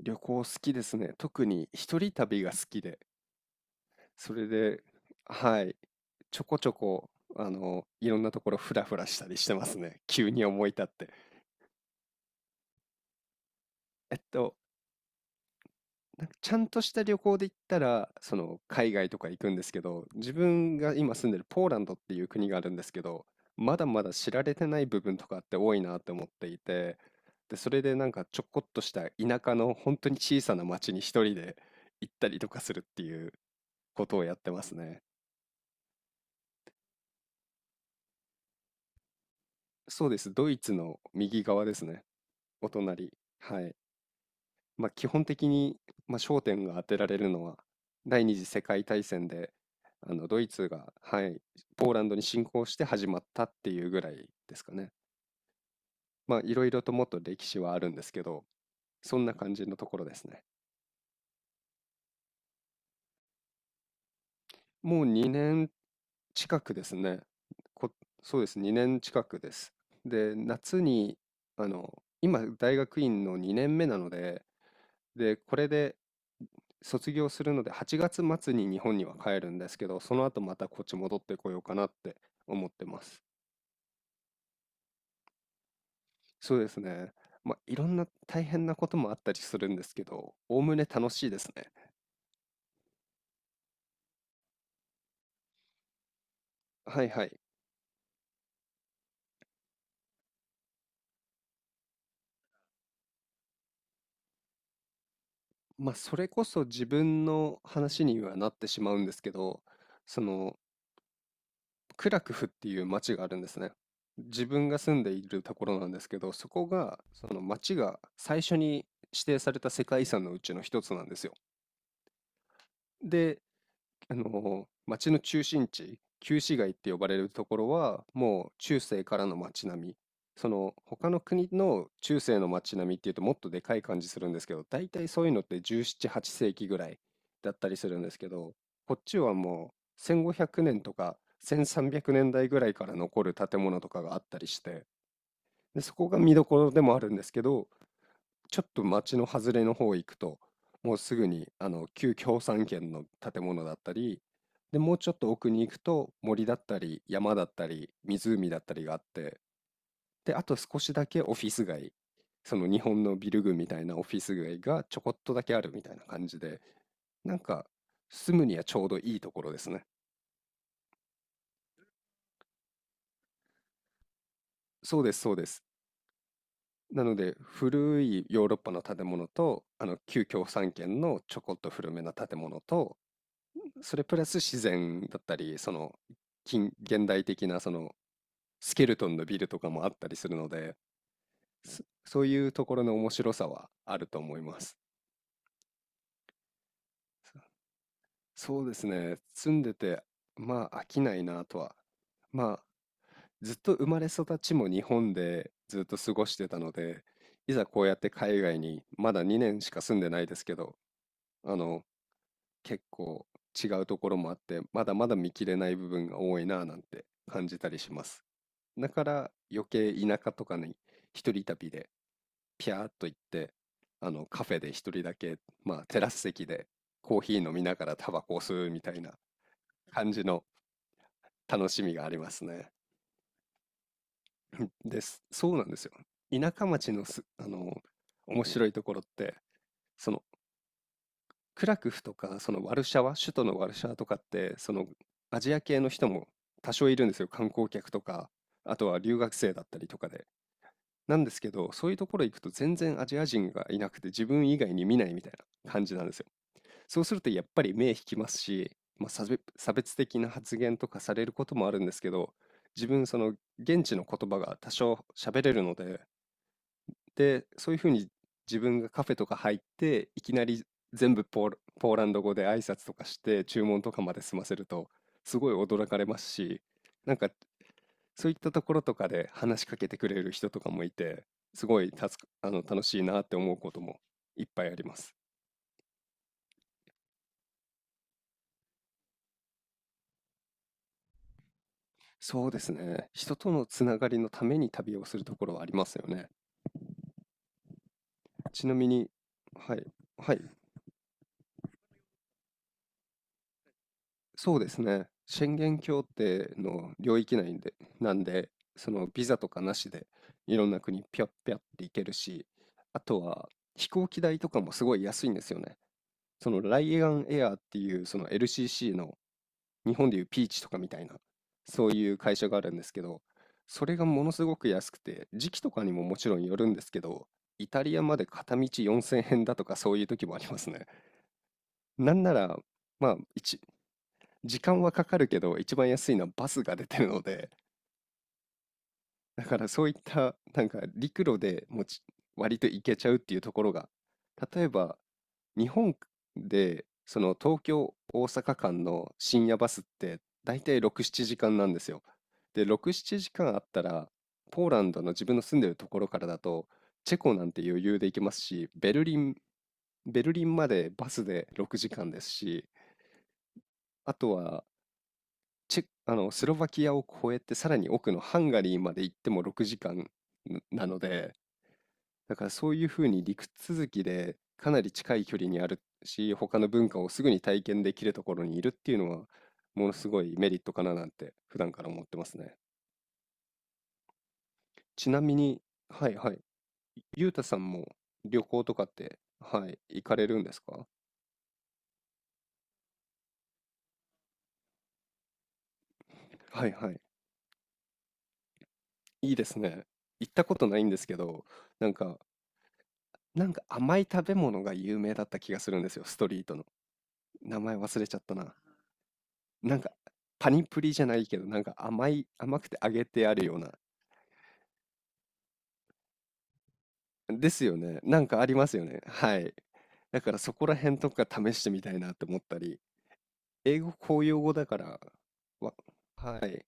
旅行好きですね。特に一人旅が好きで、それで、はい、ちょこちょこ、いろんなところフラフラしたりしてますね。急に思い立って。えっと、なんかちゃんとした旅行で行ったら、海外とか行くんですけど、自分が今住んでるポーランドっていう国があるんですけど、まだまだ知られてない部分とかって多いなって思っていて、で、それでなんかちょこっとした田舎の本当に小さな町に一人で行ったりとかするっていうことをやってますね。そうです。ドイツの右側ですね。お隣。はい。まあ、基本的に、まあ、焦点が当てられるのは、第二次世界大戦で、ドイツが、はい、ポーランドに侵攻して始まったっていうぐらいですかね。まあ、いろいろともっと歴史はあるんですけど、そんな感じのところですね。もう2年近くですね。こ、そうです。2年近くです。で、夏に、あの、今、大学院の2年目なので、で、これで、卒業するので8月末に日本には帰るんですけど、その後またこっち戻ってこようかなって思ってます。そうですね。まあ、いろんな大変なこともあったりするんですけど、おおむね楽しいですね。はいはい。まあ、それこそ自分の話にはなってしまうんですけど、その、クラクフっていう町があるんですね。自分が住んでいるところなんですけど、その町が最初に指定された世界遺産のうちの一つなんですよ。で、町の中心地、旧市街って呼ばれるところは、もう中世からの町並み。その他の国の中世の町並みっていうともっとでかい感じするんですけど、大体そういうのって17、8世紀ぐらいだったりするんですけど、こっちはもう1500年とか1300年代ぐらいから残る建物とかがあったりして、で、そこが見どころでもあるんですけど、ちょっと街の外れの方行くと、もうすぐにあの旧共産圏の建物だったり、で、もうちょっと奥に行くと森だったり山だったり湖だったりがあって、で、あと少しだけオフィス街、その日本のビル群みたいなオフィス街がちょこっとだけあるみたいな感じで、なんか住むにはちょうどいいところですね。そうです、そうです。なので古いヨーロッパの建物とあの旧共産圏のちょこっと古めな建物とそれプラス自然だったり、その近現代的なそのスケルトンのビルとかもあったりするので、そういうところの面白さはあると思います。そうですね。住んでて、まあ飽きないなとは。まあずっと生まれ育ちも日本でずっと過ごしてたので、いざこうやって海外にまだ2年しか住んでないですけど、あの結構違うところもあって、まだまだ見切れない部分が多いなぁなんて感じたりします。だから余計田舎とかに一人旅でピャーっと行って、カフェで一人だけ、まあテラス席でコーヒー飲みながらタバコを吸うみたいな感じの楽しみがありますね。です。そうなんですよ。田舎町のす、あの、面白いところって、そのクラクフとか、そのワルシャワ、首都のワルシャワとかって、そのアジア系の人も多少いるんですよ。観光客とか、あとは留学生だったりとかで。なんですけど、そういうところ行くと全然アジア人がいなくて自分以外に見ないみたいな感じなんですよ。そうするとやっぱり目引きますし、まあ、差別的な発言とかされることもあるんですけど、自分その現地の言葉が多少喋れるので、で、そういうふうに自分がカフェとか入っていきなり全部ポーランド語で挨拶とかして注文とかまで済ませるとすごい驚かれますし、なんかそういったところとかで話しかけてくれる人とかもいて、すごい助かあの楽しいなって思うこともいっぱいあります。そうですね。人とのつながりのために旅をするところはありますよね。ちなみに、はい、はい、そうですね。宣言協定の領域内で、なんで、そのビザとかなしでいろんな国ピョッピョッって行けるし、あとは飛行機代とかもすごい安いんですよね。そのライアンエアーっていうその LCC の日本でいうピーチとかみたいな、そういう会社があるんですけど、それがものすごく安くて、時期とかにももちろんよるんですけど、イタリアまで片道4000円だとかそういう時もありますね。なんなら、まあ、1時間はかかるけど、一番安いのはバスが出てるので、だからそういった、なんか陸路でも割と行けちゃうっていうところが、例えば日本でその東京大阪間の深夜バスって大体6、7時間なんですよ。で、6、7時間あったら、ポーランドの自分の住んでるところからだと、チェコなんて余裕で行けますし、ベルリンまでバスで6時間ですし、あとはチェ、あの、スロバキアを越えてさらに奥のハンガリーまで行っても6時間なので、だからそういうふうに陸続きでかなり近い距離にあるし、他の文化をすぐに体験できるところにいるっていうのは、ものすごいメリットかななんて普段から思ってますね。ちなみに、はいはい。ゆうたさんも旅行とかって、はい、行かれるんですか？はいはい。いいですね。行ったことないんですけど、なんか、なんか甘い食べ物が有名だった気がするんですよ、ストリートの。名前忘れちゃったな。なんか、パニプリじゃないけど、なんか甘くて揚げてあるようなですよね。なんかありますよね。はい。だからそこら辺とか試してみたいなって思ったり、英語公用語だから、わ、はい。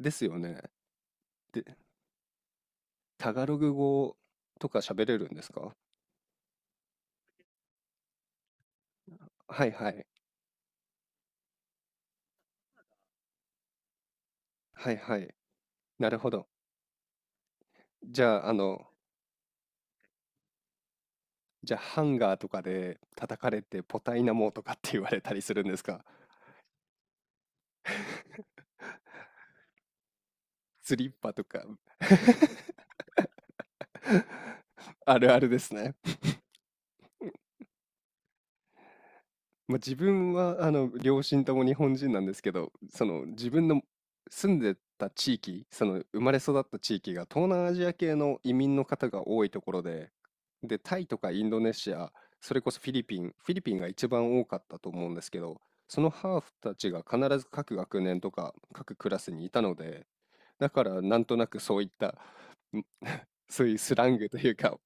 ですよね。で、タガログ語とか喋れるんですか？はいはい。はいはい。なるほど。じゃあ、あの、じゃあハンガーとかで叩かれてポタイナモとかって言われたりするんですか？スリッパとか あるあるですね。まあ、自分は、両親とも日本人なんですけど、自分の住んでた地域、生まれ育った地域が東南アジア系の移民の方が多いところで、で、タイとかインドネシア、それこそフィリピンが一番多かったと思うんですけど、そのハーフたちが必ず各学年とか各クラスにいたので、だからなんとなくそういった、そういうスラングというか、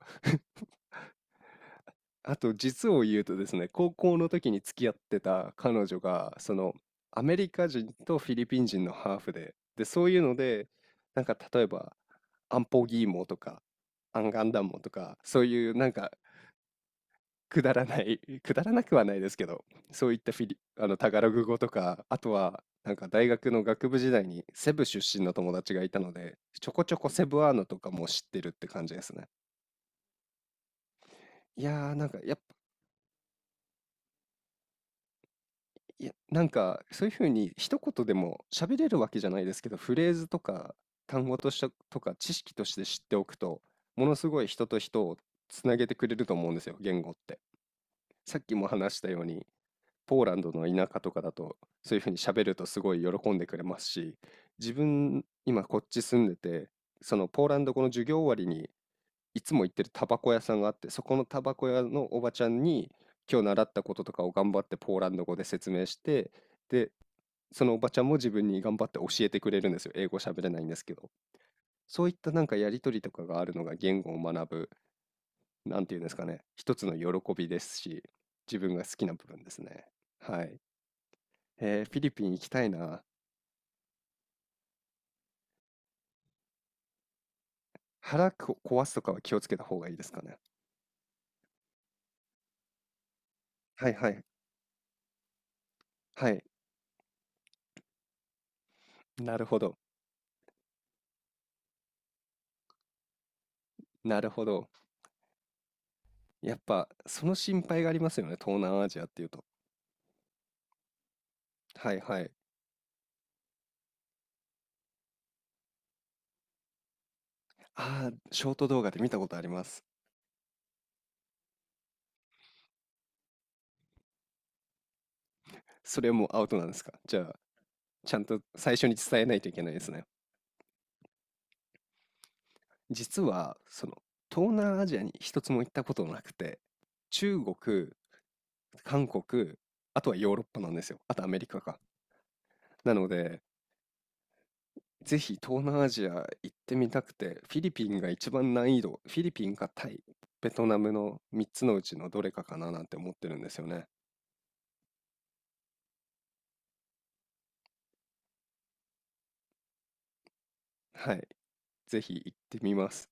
あと実を言うとですね、高校の時に付き合ってた彼女が、そのアメリカ人とフィリピン人のハーフで、で、そういうので、なんか例えば、アンポギーモとか、アンガンダモとか、そういうなんかくだらない、くだらなくはないですけど、そういったフィリ、あのタガログ語とか、あとはなんか大学の学部時代にセブ出身の友達がいたので、ちょこちょこセブアーノとかも知ってるって感じですね。いやーなんかやっいや、なんか、そういう風に一言でも喋れるわけじゃないですけど、フレーズとか単語としてとか知識として知っておくと、ものすごい人と人をつなげてくれると思うんですよ、言語って。さっきも話したように、ポーランドの田舎とかだと、そういう風に喋るとすごい喜んでくれますし、自分、今こっち住んでて、そのポーランド語の授業終わりに、いつも行ってるタバコ屋さんがあって、そこのタバコ屋のおばちゃんに、今日習ったこととかを頑張ってポーランド語で説明して、で、そのおばちゃんも自分に頑張って教えてくれるんですよ。英語喋れないんですけど。そういったなんかやりとりとかがあるのが言語を学ぶ、なんていうんですかね、一つの喜びですし、自分が好きな部分ですね。はい。フィリピン行きたいな。腹壊すとかは気をつけた方がいいですかね。はいはい。はい。なるほど。なるほど。やっぱ、その心配がありますよね。東南アジアっていうと。はいはい。ああ、ショート動画で見たことあります。それはもうアウトなんですか？じゃあ、ちゃんと最初に伝えないといけないですね。実はその東南アジアに一つも行ったことなくて、中国、韓国、あとはヨーロッパなんですよ。あとアメリカか。なので、ぜひ東南アジア行ってみたくて、フィリピンが一番難易度、フィリピンかタイ、ベトナムの3つのうちのどれかかななんて思ってるんですよね。はい、ぜひ行ってみます。